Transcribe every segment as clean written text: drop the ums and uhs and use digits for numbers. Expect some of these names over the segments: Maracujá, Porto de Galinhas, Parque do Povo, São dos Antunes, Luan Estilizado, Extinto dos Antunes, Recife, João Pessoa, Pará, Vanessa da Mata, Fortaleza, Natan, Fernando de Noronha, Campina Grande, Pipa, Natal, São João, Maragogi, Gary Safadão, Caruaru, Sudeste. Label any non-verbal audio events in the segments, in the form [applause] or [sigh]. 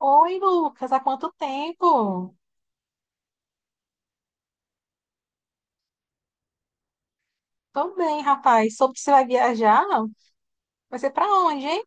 Oi, Lucas, há quanto tempo? Tô bem, rapaz. Soube que você vai viajar? Vai ser pra onde, hein?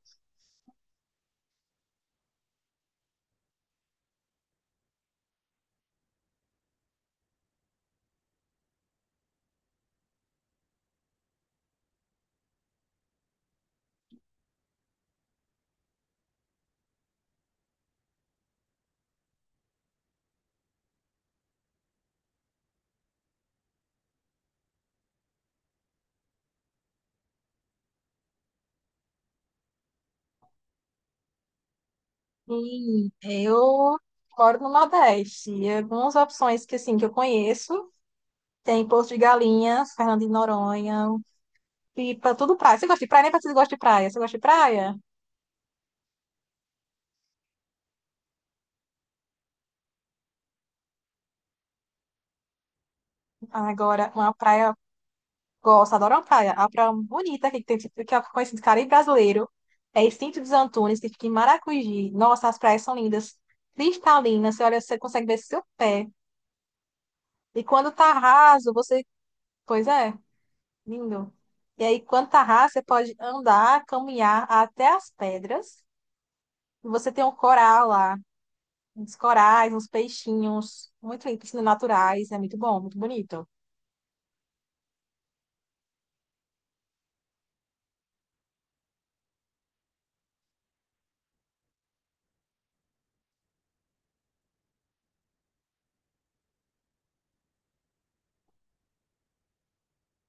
Sim, eu moro no Nordeste. E algumas opções que, assim, que eu conheço. Tem Porto de Galinhas, Fernando de Noronha, Pipa, tudo praia. Você gosta de praia? Nem parece que você gosta de praia. Você gosta de praia? Agora, uma praia... Gosto, adoro uma praia. A praia bonita que tem, que eu conheci de Caribe brasileiro. É Extinto dos Antunes, que fica em Maracujá. Nossa, as praias são lindas. Cristalinas, você olha, você consegue ver seu pé. E quando tá raso, você. Pois é, lindo. E aí, quando tá raso, você pode andar, caminhar até as pedras. E você tem um coral lá, uns corais, uns peixinhos, muito lindo, piscinas naturais. É muito bom, muito bonito.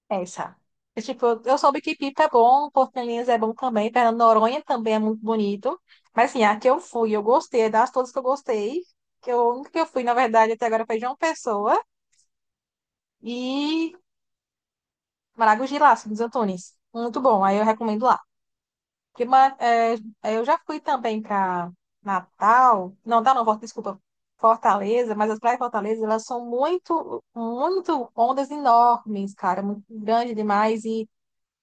Essa. E, tipo, eu soube que Pipa é bom, Porto de Galinhas é bom também, Fernando de Noronha também é muito bonito. Mas, assim, a que eu fui, eu gostei, é das todas que eu gostei, que eu, a única que eu fui, na verdade, até agora foi João Pessoa e Maragogi lá, São dos Antunes. Muito bom, aí eu recomendo lá. Que, ma- é, é, eu já fui também para Natal não, Fort- desculpa, Fortaleza, mas as praias de Fortaleza, elas são muito, muito ondas enormes, cara, muito grande demais e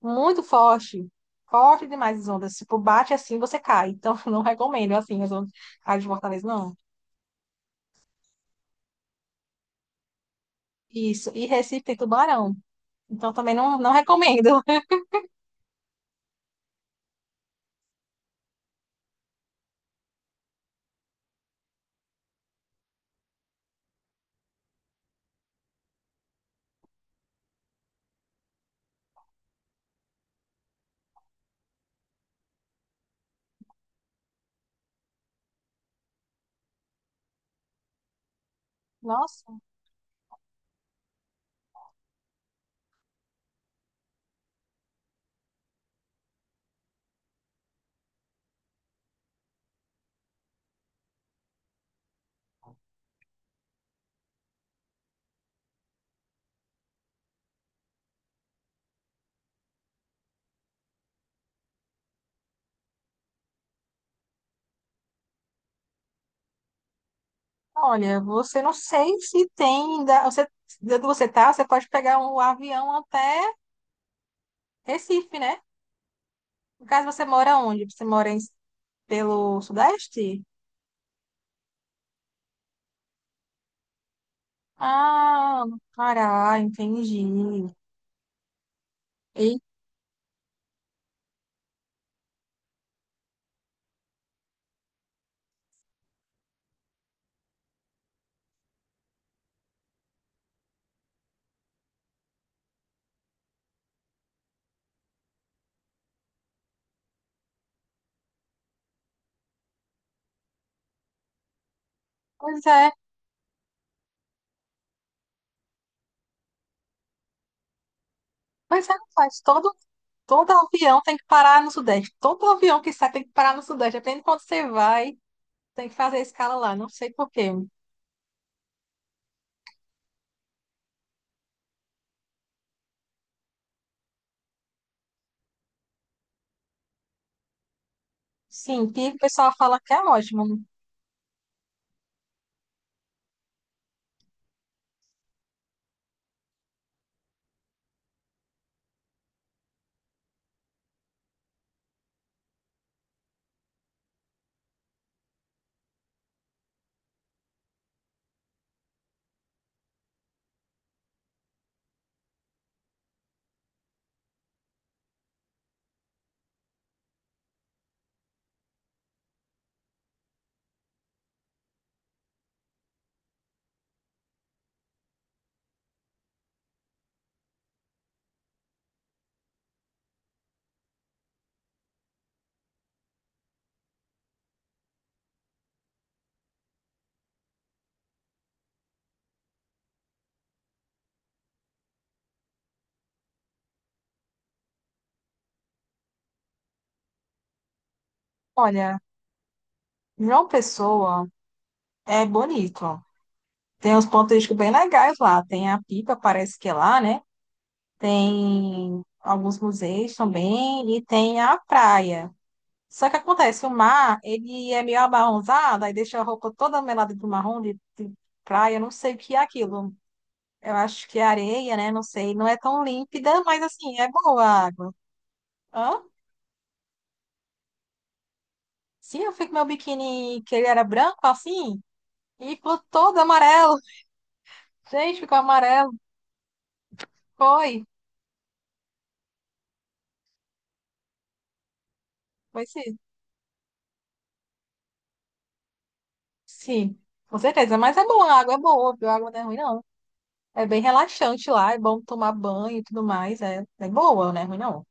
muito forte, forte demais as ondas, tipo, bate assim, você cai, então [laughs] não recomendo, assim, as ondas as de Fortaleza, não. Isso, e Recife tem tubarão, então também não, não recomendo. [laughs] Nossa, olha, você não sei se tem, da- você, de onde você tá, você pode pegar um avião até Recife, né? No caso, você mora onde? Você mora em- pelo Sudeste? Ah, no Pará, entendi. E, pois é, pois é, faz todo, todo avião tem que parar no Sudeste. Todo avião que sai tem que parar no Sudeste. Depende de quando você vai, tem que fazer a escala lá, não sei por quê. Sim, que o pessoal fala que é ótimo. Olha, João Pessoa é bonito. Tem uns pontos turísticos bem legais lá. Tem a Pipa, parece que é lá, né? Tem alguns museus também e tem a praia. Só que acontece, o mar, ele é meio amarronzado, aí deixa a roupa toda melada do marrom de praia, eu não sei o que é aquilo. Eu acho que é areia, né? Não sei, não é tão límpida, mas assim, é boa a água. Hã? Sim, eu fui com meu biquíni, que ele era branco assim, e ficou todo amarelo. [laughs] Gente, ficou amarelo. Foi. Foi sim. Sim, com certeza. Mas é bom, a água é boa, viu? A água não é ruim, não. É bem relaxante lá, é bom tomar banho e tudo mais. É, é boa, não é ruim, não.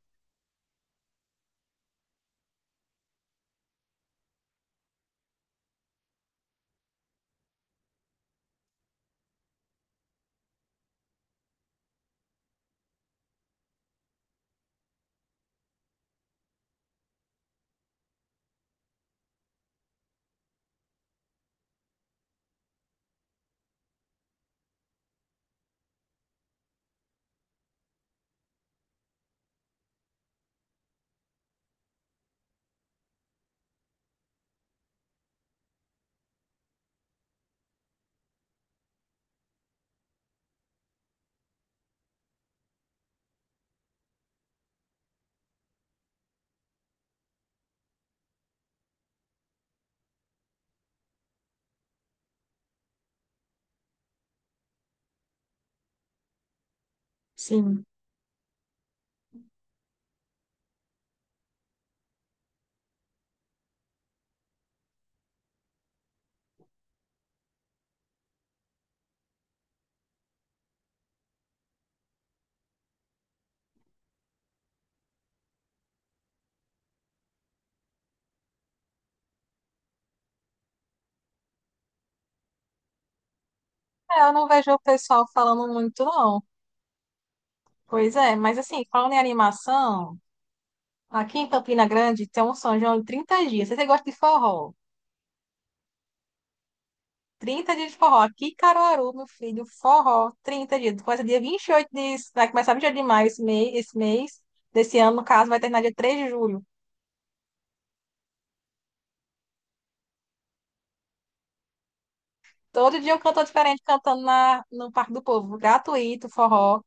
Sim. É, eu não vejo o pessoal falando muito, não. Pois é, mas assim, falando em animação, aqui em Campina Grande tem um São João de 30 dias. Se você gosta de forró, 30 dias de forró. Aqui em Caruaru, meu filho, forró, 30 dias. Começa dia 28 de... Vai começar 28 de maio esse mês, esse mês. Desse ano, no caso, vai terminar dia 3 de julho. Todo dia um cantor diferente cantando na, no Parque do Povo, gratuito, forró.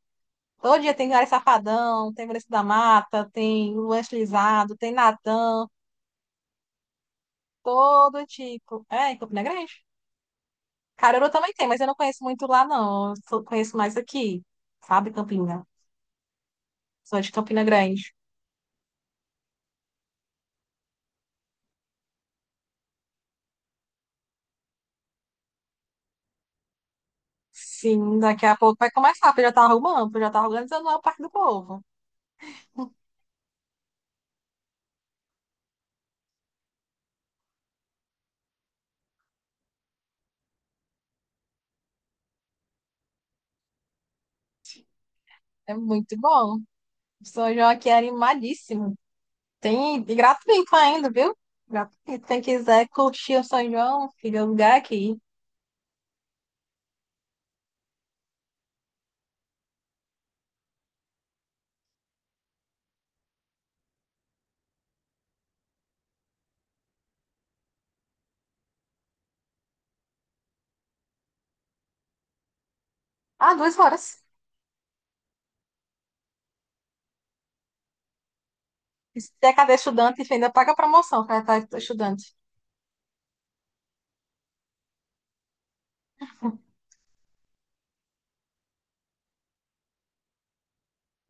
Todo dia tem Gary Safadão, tem Vanessa da Mata, tem Luan Estilizado, tem Natan, todo tipo. É, em Campina Grande. Caruaru também tem, mas eu não conheço muito lá, não. Eu só conheço mais aqui, sabe, Campina? Sou de Campina Grande. Sim, daqui a pouco vai começar, porque eu já tá arrumando, porque eu já tá organizando lá o Parque do Povo. É muito bom. O São João aqui é animadíssimo. Tem e gratuito ainda, viu? Gratuito. Quem quiser curtir o São João, fica o lugar aqui. Ah, 2 horas. E se é cadê estudante, ainda paga a promoção para estar estudante.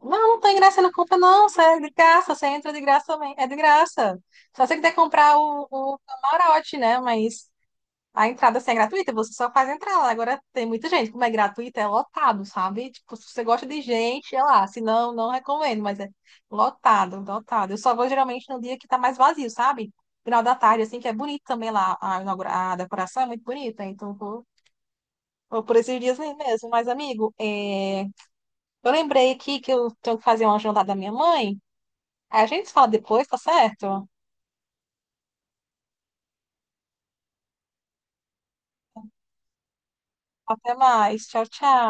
Não, não tem graça, não compra, não. Você é de graça, você entra de graça também. É de graça. Só você quiser comprar o camarote, né? Mas a entrada assim, é gratuita, você só faz entrar lá. Agora tem muita gente, como é gratuita, é lotado, sabe? Tipo, se você gosta de gente, é lá. Se não, não recomendo, mas é lotado, lotado. Eu só vou geralmente no dia que tá mais vazio, sabe? Final da tarde, assim, que é bonito também lá. A, inaugura- a decoração é muito bonita, então vou, vou por esses dias aí mesmo. Mas, amigo, é, eu lembrei aqui que eu tenho que fazer uma jantada da minha mãe. Aí a gente fala depois, tá certo? Até mais. Tchau, tchau.